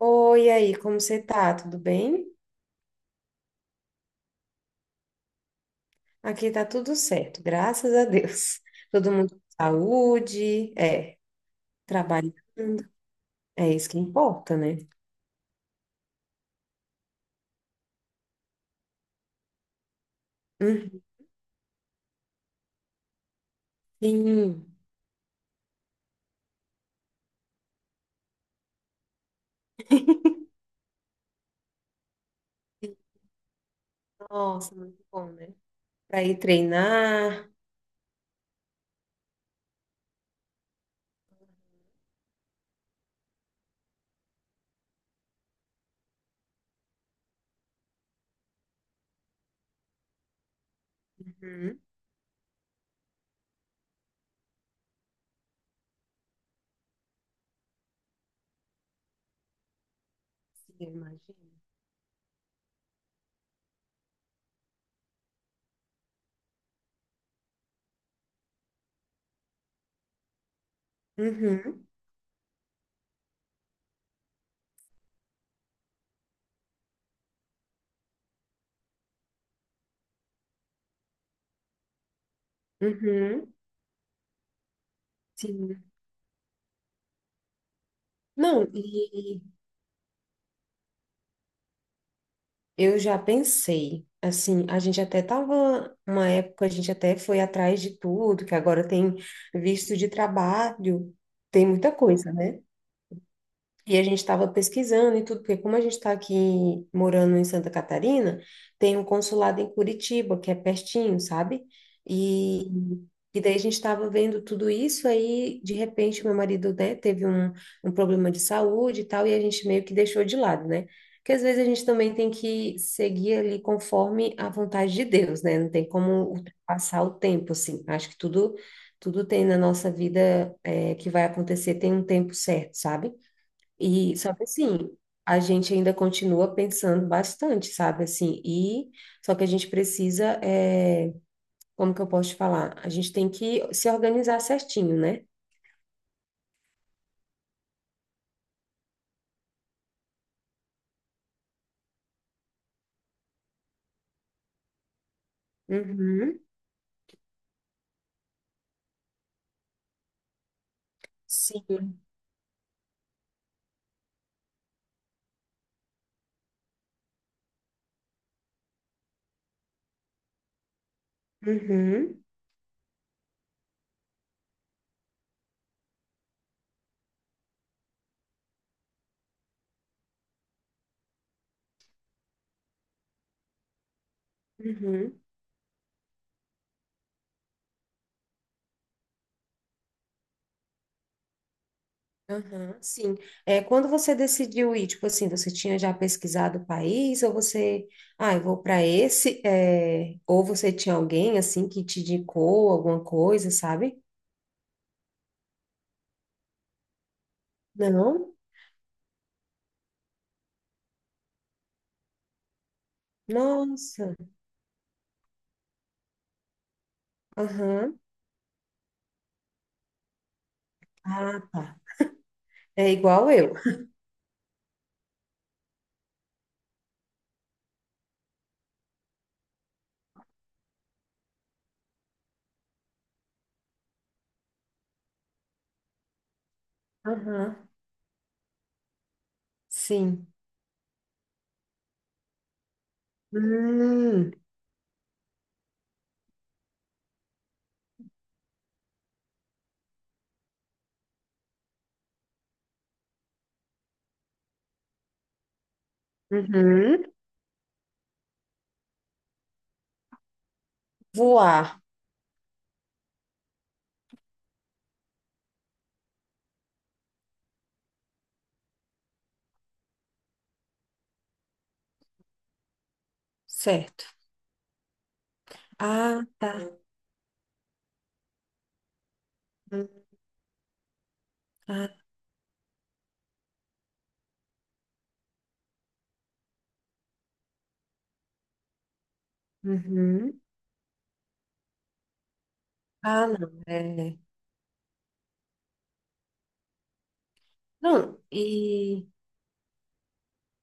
Oi, e aí, como você tá? Tudo bem? Aqui tá tudo certo, graças a Deus. Todo mundo com saúde, trabalhando, é isso que importa, né? Uhum. Sim, nossa, muito bom, né? Para ir treinar. Uhum. Sim, eu imagino. Uhum. Uhum. Sim. Não, eu já pensei, assim, a gente até tava, uma época a gente até foi atrás de tudo, que agora tem visto de trabalho, tem muita coisa, né? E a gente estava pesquisando e tudo, porque como a gente está aqui morando em Santa Catarina, tem um consulado em Curitiba, que é pertinho, sabe? E, e daí a gente estava vendo tudo isso, aí de repente meu marido, né, teve um problema de saúde e tal, e a gente meio que deixou de lado, né? Porque às vezes a gente também tem que seguir ali conforme a vontade de Deus, né? Não tem como ultrapassar o tempo, assim. Acho que tudo tem na nossa vida, que vai acontecer, tem um tempo certo, sabe? E só que assim, a gente ainda continua pensando bastante, sabe? Assim, e só que a gente precisa, como que eu posso te falar? A gente tem que se organizar certinho, né? Uhum, sim. Uhum, uhum, aham, sim. Quando você decidiu ir, tipo assim, você tinha já pesquisado o país, ou você, ah, eu vou para esse, ou você tinha alguém assim que te indicou alguma coisa, sabe? Não? Nossa. Aham. Ah, tá. É igual eu. Aham, sim. Hum, uhum. Voar, certo. Ah, tá. Hum, ah, uhum. Ah, não. É. Não,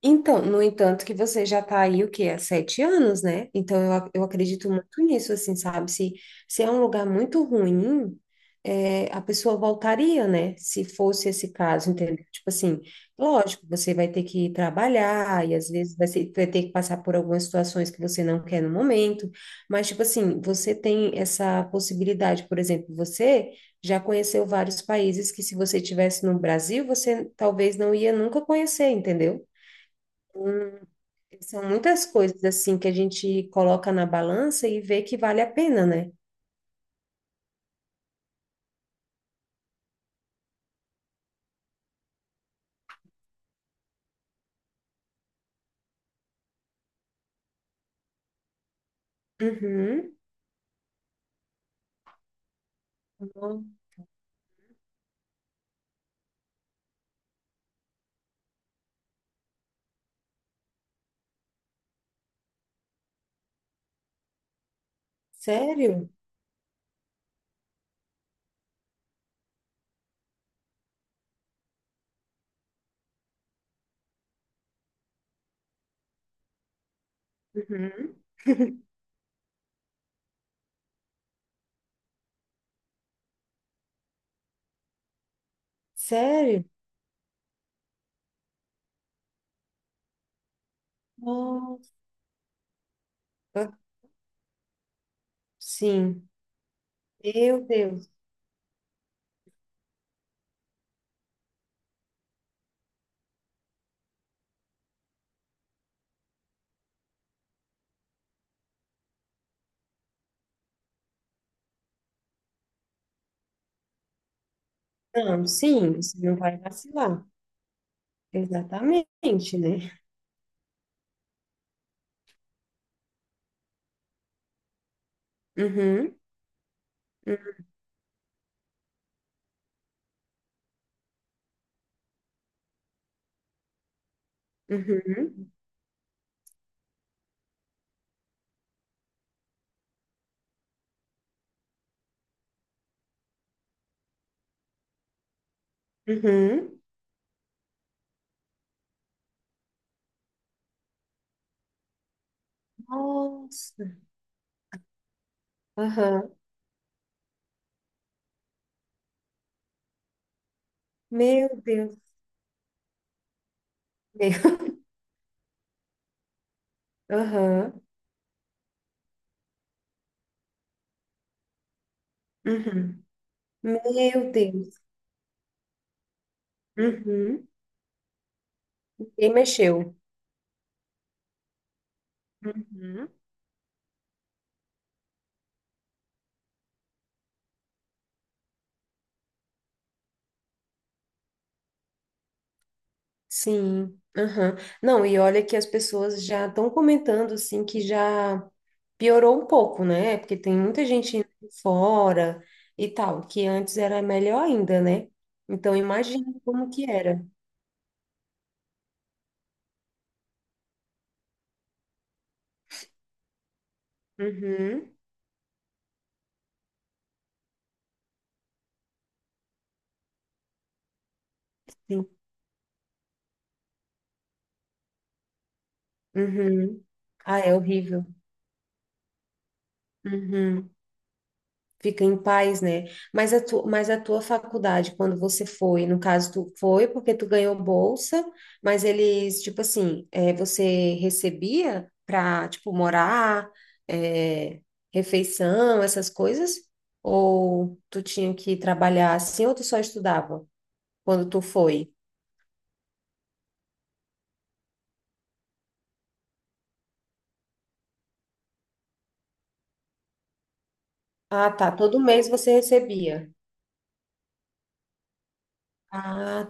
então, no entanto, que você já tá aí, o quê? Há sete anos, né? Então, eu acredito muito nisso, assim, sabe? Se é um lugar muito ruim, a pessoa voltaria, né? Se fosse esse caso, entendeu? Tipo assim, lógico, você vai ter que trabalhar e às vezes vai ter que passar por algumas situações que você não quer no momento, mas, tipo assim, você tem essa possibilidade, por exemplo, você já conheceu vários países que se você tivesse no Brasil, você talvez não ia nunca conhecer, entendeu? São muitas coisas assim que a gente coloca na balança e vê que vale a pena, né? Uhum. Não. Sério? Uhum. Sério? Nossa. Sim. Meu Deus. Não, sim, você não vai vacilar. Exatamente, né? Uhum. Uhum. Uhum. Nossa. Aham. Meu Deus. Meu. Aham. Uhum. Meu Deus. Uhum. Quem mexeu? Uhum. Sim, aham. Não, e olha que as pessoas já estão comentando assim que já piorou um pouco, né? Porque tem muita gente indo fora e tal, que antes era melhor ainda, né? Então imagina como que era. Uhum, sim. Uhum. Ah, é horrível. Uhum. Fica em paz, né? Mas a tua faculdade, quando você foi, no caso, tu foi porque tu ganhou bolsa, mas eles, tipo assim, você recebia para, tipo, morar, é, refeição, essas coisas? Ou tu tinha que trabalhar assim, ou tu só estudava quando tu foi? Ah, tá. Todo mês você recebia. Ah,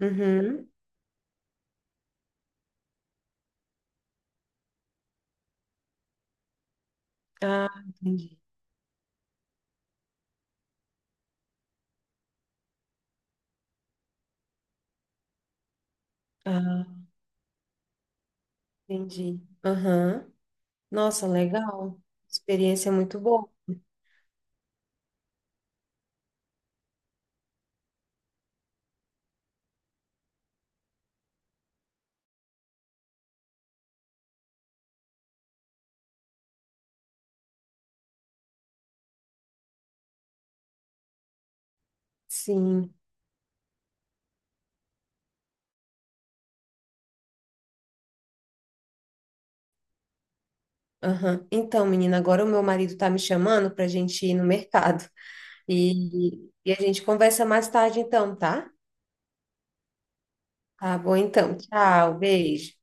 uhum. Ah, entendi. Ah, entendi. Aham. Nossa, legal. Experiência muito boa. Sim. Aham. Então, menina, agora o meu marido tá me chamando pra gente ir no mercado. E a gente conversa mais tarde, então, tá? Tá bom, então. Tchau, beijo.